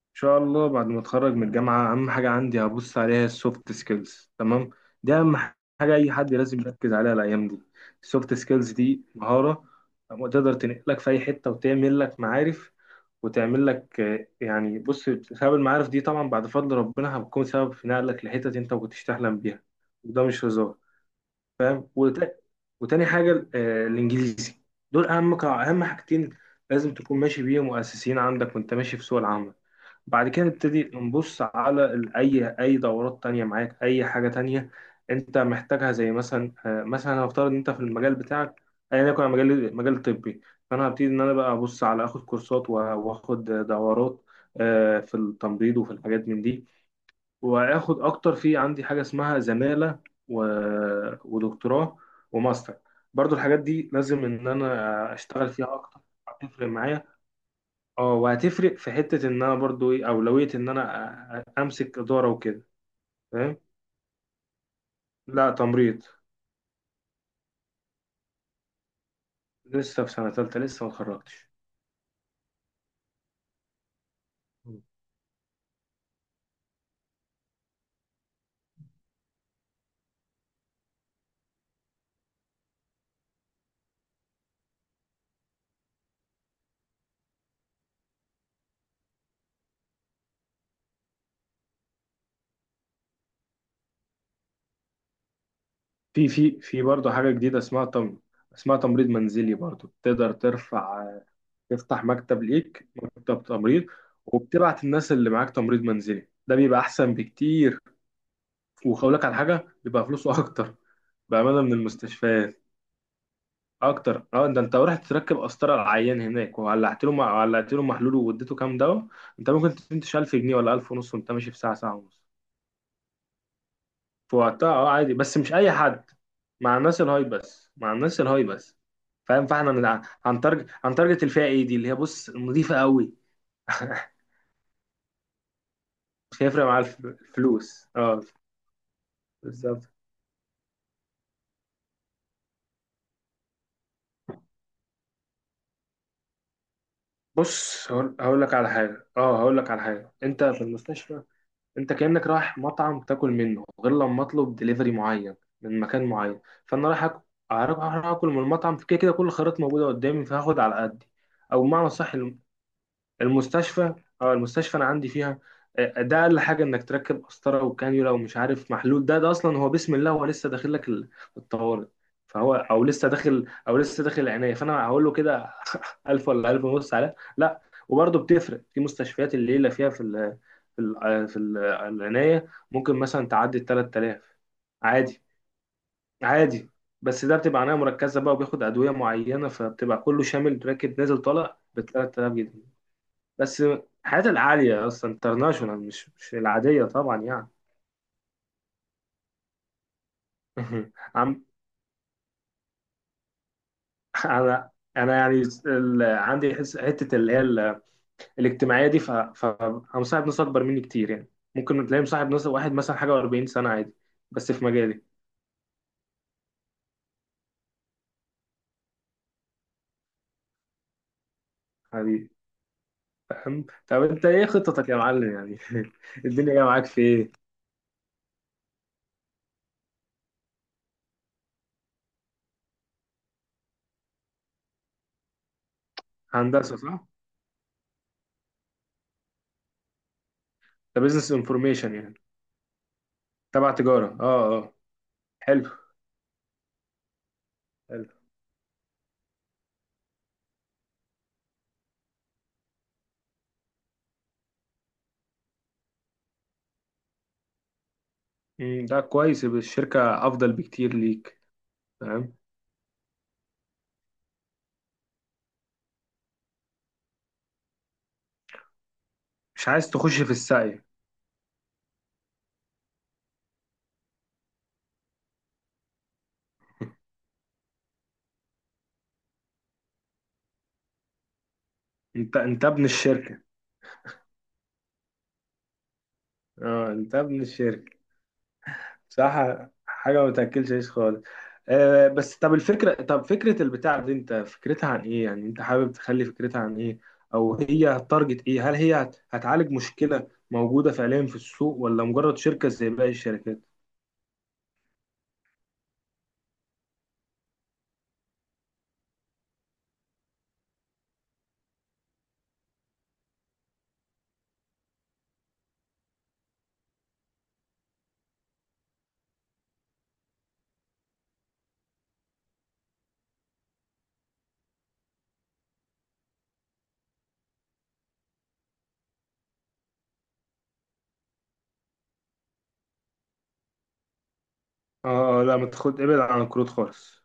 ان شاء الله بعد ما اتخرج من الجامعه اهم حاجه عندي هبص عليها السوفت سكيلز. تمام، دي اهم حاجه اي حد لازم يركز عليها الايام دي. السوفت سكيلز دي مهاره تقدر تنقلك في اي حته وتعمل لك معارف، وتعمل لك يعني بص، بسبب المعارف دي طبعا بعد فضل ربنا هتكون سبب في نقلك لحتت انت ما كنتش تحلم بيها. وده مش هزار. وت- وتاني حاجه الانجليزي. دول اهم اهم حاجتين لازم تكون ماشي بيهم واساسيين عندك وانت ماشي في سوق العمل. بعد كده نبتدي نبص على أي دورات تانية معاك، أي حاجة تانية أنت محتاجها، زي مثلا مثلا هنفترض إن أنت في المجال بتاعك، أيا يكن، مجال طبي، فأنا هبتدي إن أنا بقى أبص على آخد كورسات، وآخد دورات في التمريض وفي الحاجات من دي، وآخد أكتر. في عندي حاجة اسمها زمالة، ودكتوراه، وماستر، برضو الحاجات دي لازم إن أنا أشتغل فيها أكتر. هتفرق معايا، اه وهتفرق في حتة ان انا برضو ايه، اولوية ان انا امسك ادارة وكده. فاهم؟ لا تمريض. لسه في سنة تالتة، لسه ما اتخرجتش. في برضو حاجة جديدة اسمها اسمها تمريض منزلي. برضو تقدر ترفع، تفتح مكتب ليك، مكتب تمريض وبتبعت الناس اللي معاك. تمريض منزلي ده بيبقى احسن بكتير، وخولك على حاجة بيبقى فلوسه اكتر. بأمانة من المستشفيات اكتر، اه. ده انت رحت تركب قسطره على العيان هناك وولعت له ولعت له محلول واديته كام دواء، انت ممكن تنتش 1000 جنيه ولا 1000 ونص وانت ماشي في ساعه، ساعه ونص. في وقتها اه عادي، بس مش اي حد، مع الناس الهاي بس، مع الناس الهاي بس. فاهم؟ فاحنا هنتارجت الفئه ايه دي اللي هي بص نظيفه قوي. مش هيفرق معاها الفلوس، اه بالظبط. بص هقول لك على حاجه، اه هقول لك على حاجه، انت في المستشفى انت كأنك رايح مطعم تاكل منه، غير لما اطلب دليفري معين من مكان معين. فانا رايح رايح اكل من المطعم، كده كده كل الخيارات موجوده قدامي فهاخد على قدي، او بمعنى صح. المستشفى، اه المستشفى انا عندي فيها ده اقل حاجه انك تركب قسطره وكانيولا ومش عارف محلول، ده اصلا هو بسم الله، هو لسه داخل لك الطوارئ، فهو او لسه داخل او لسه داخل العنايه، فانا هقول له كده 1000 ولا 1000 ونص على لا. وبرضه بتفرق في مستشفيات، الليله فيها في ال العنايه ممكن مثلا تعدي ال 3000 عادي، عادي. بس ده بتبقى عنايه مركزه بقى وبياخد ادويه معينه، فبتبقى كله شامل راكب نازل طالع ب 3000 جنيه بس. الحاجات العالية أصلا انترناشونال، مش العادية طبعا يعني. عم، أنا أنا يعني عندي حتة اللي هي الاجتماعية دي، أنا مصاحب ناس أكبر مني كتير يعني. ممكن تلاقي مصاحب ناس واحد مثلا حاجة و40 سنة عادي، بس في مجالي. حبيبي، فاهم؟ طب أنت إيه خطتك يا معلم يعني؟ الدنيا جاية معاك في إيه؟ هندسة صح؟ ده بزنس انفورميشن يعني، تبع تجارة، أه أه، حلو حلو. مم، ده كويس، يبقى الشركة أفضل بكتير ليك. مش عايز تخش في السعي. انت ابن الشركة. اه انت ابن الشركة، صح. حاجة ما تاكلش عيش خالص. آه بس، طب الفكرة، طب فكرة البتاع دي انت فكرتها عن ايه يعني؟ انت حابب تخلي فكرتها عن ايه، او هي هتارجت ايه؟ هل هي هتعالج مشكلة موجودة فعليا في السوق، ولا مجرد شركة زي باقي الشركات؟ اه لا ما تاخد، ابعد عن الكروت خالص.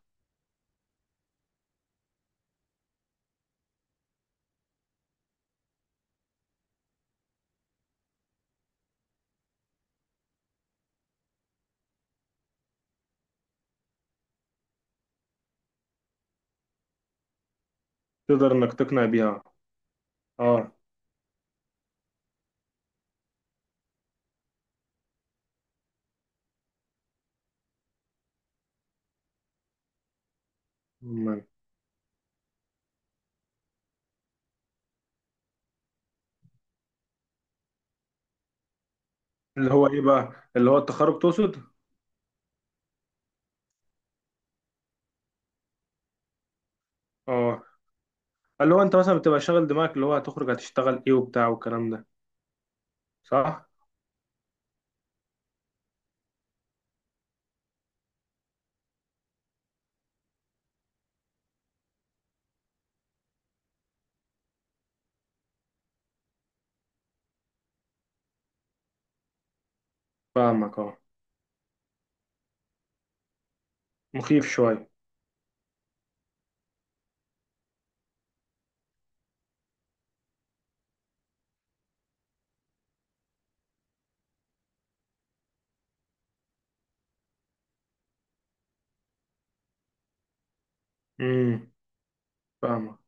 تقدر انك تقنع بيها، اه. أمال. اللي هو ايه بقى، اللي هو التخرج تقصد؟ اه، اللي هو انت مثلا بتبقى شاغل دماغك اللي هو هتخرج هتشتغل ايه وبتاع والكلام ده. صح، فاهمك اه. مخيف شويه. امم فاهمك.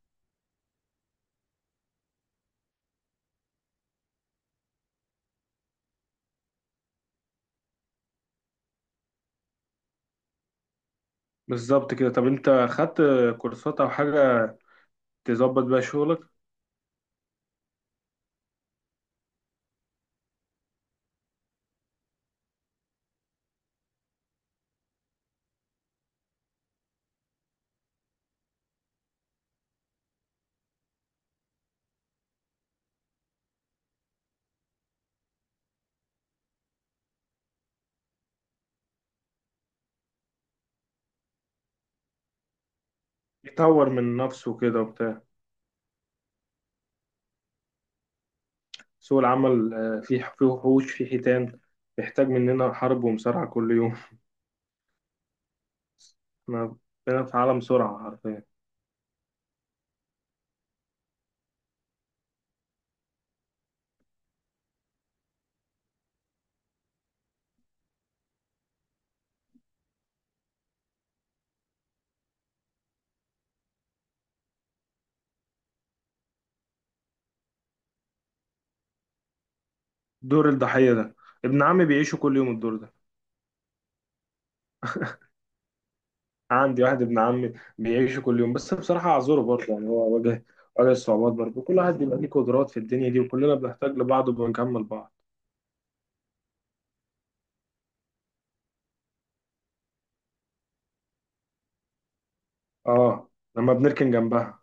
بالظبط كده. طب انت خدت كورسات او حاجه تظبط بيها شغلك؟ يطور من نفسه كده وبتاع. سوق العمل فيه وحوش، فيه حيتان، بيحتاج مننا حرب ومصارعه كل يوم. احنا بقينا في عالم سرعه حرفيا. دور الضحيه ده، ابن عمي بيعيشه كل يوم الدور ده. عندي واحد ابن عمي بيعيشه كل يوم، بس بصراحة أعذره برضه يعني، هو واجه الصعوبات برضه. كل واحد بيبقى ليه قدرات في الدنيا دي، وكلنا بنحتاج لبعض وبنكمل بعض. اه، لما بنركن جنبها.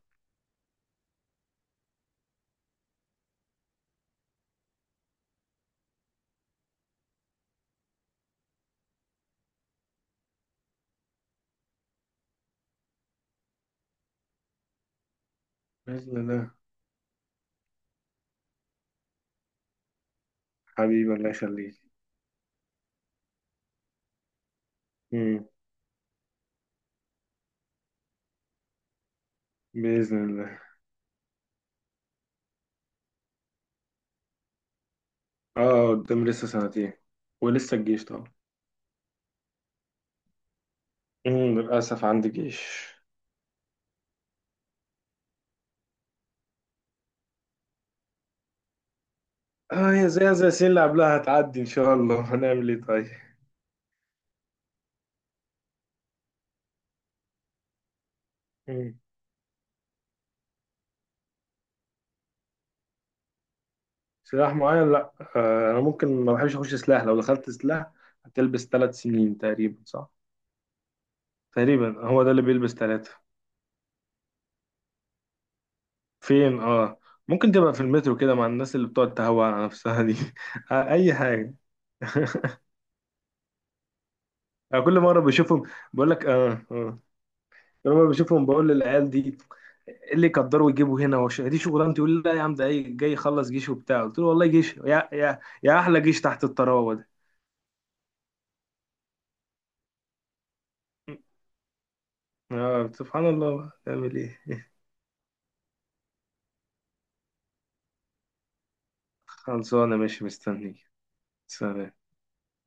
بإذن الله. حبيبي الله يخليك. مم. بإذن الله. اه قدام لسه سنتين، ولسه الجيش طبعا. مم. للأسف عندي جيش. اه، زي زي السنين اللي قبلها هتعدي إن شاء الله. هنعمل إيه طيب؟ مم. سلاح معين لا، آه أنا ممكن ما بحبش أخش سلاح. لو دخلت سلاح هتلبس 3 سنين تقريبا صح؟ تقريبا هو ده اللي بيلبس ثلاثة. فين اه. ممكن تبقى في المترو كده مع الناس اللي بتقعد تهوى على نفسها دي. اي حاجة. أنا كل مرة بشوفهم بقول لك اه اه. كل مرة بشوفهم بقول للعيال دي إيه اللي يقدروا يجيبوا هنا، وش دي شغلانتي، يقول لي لا يا عم ده جاي يخلص جيش وبتاع. قلت له والله جيش يا يا يا، احلى جيش تحت الطراوة ده. اه سبحان الله، تعمل ايه؟ خلصانة، ماشي مستني. سلام.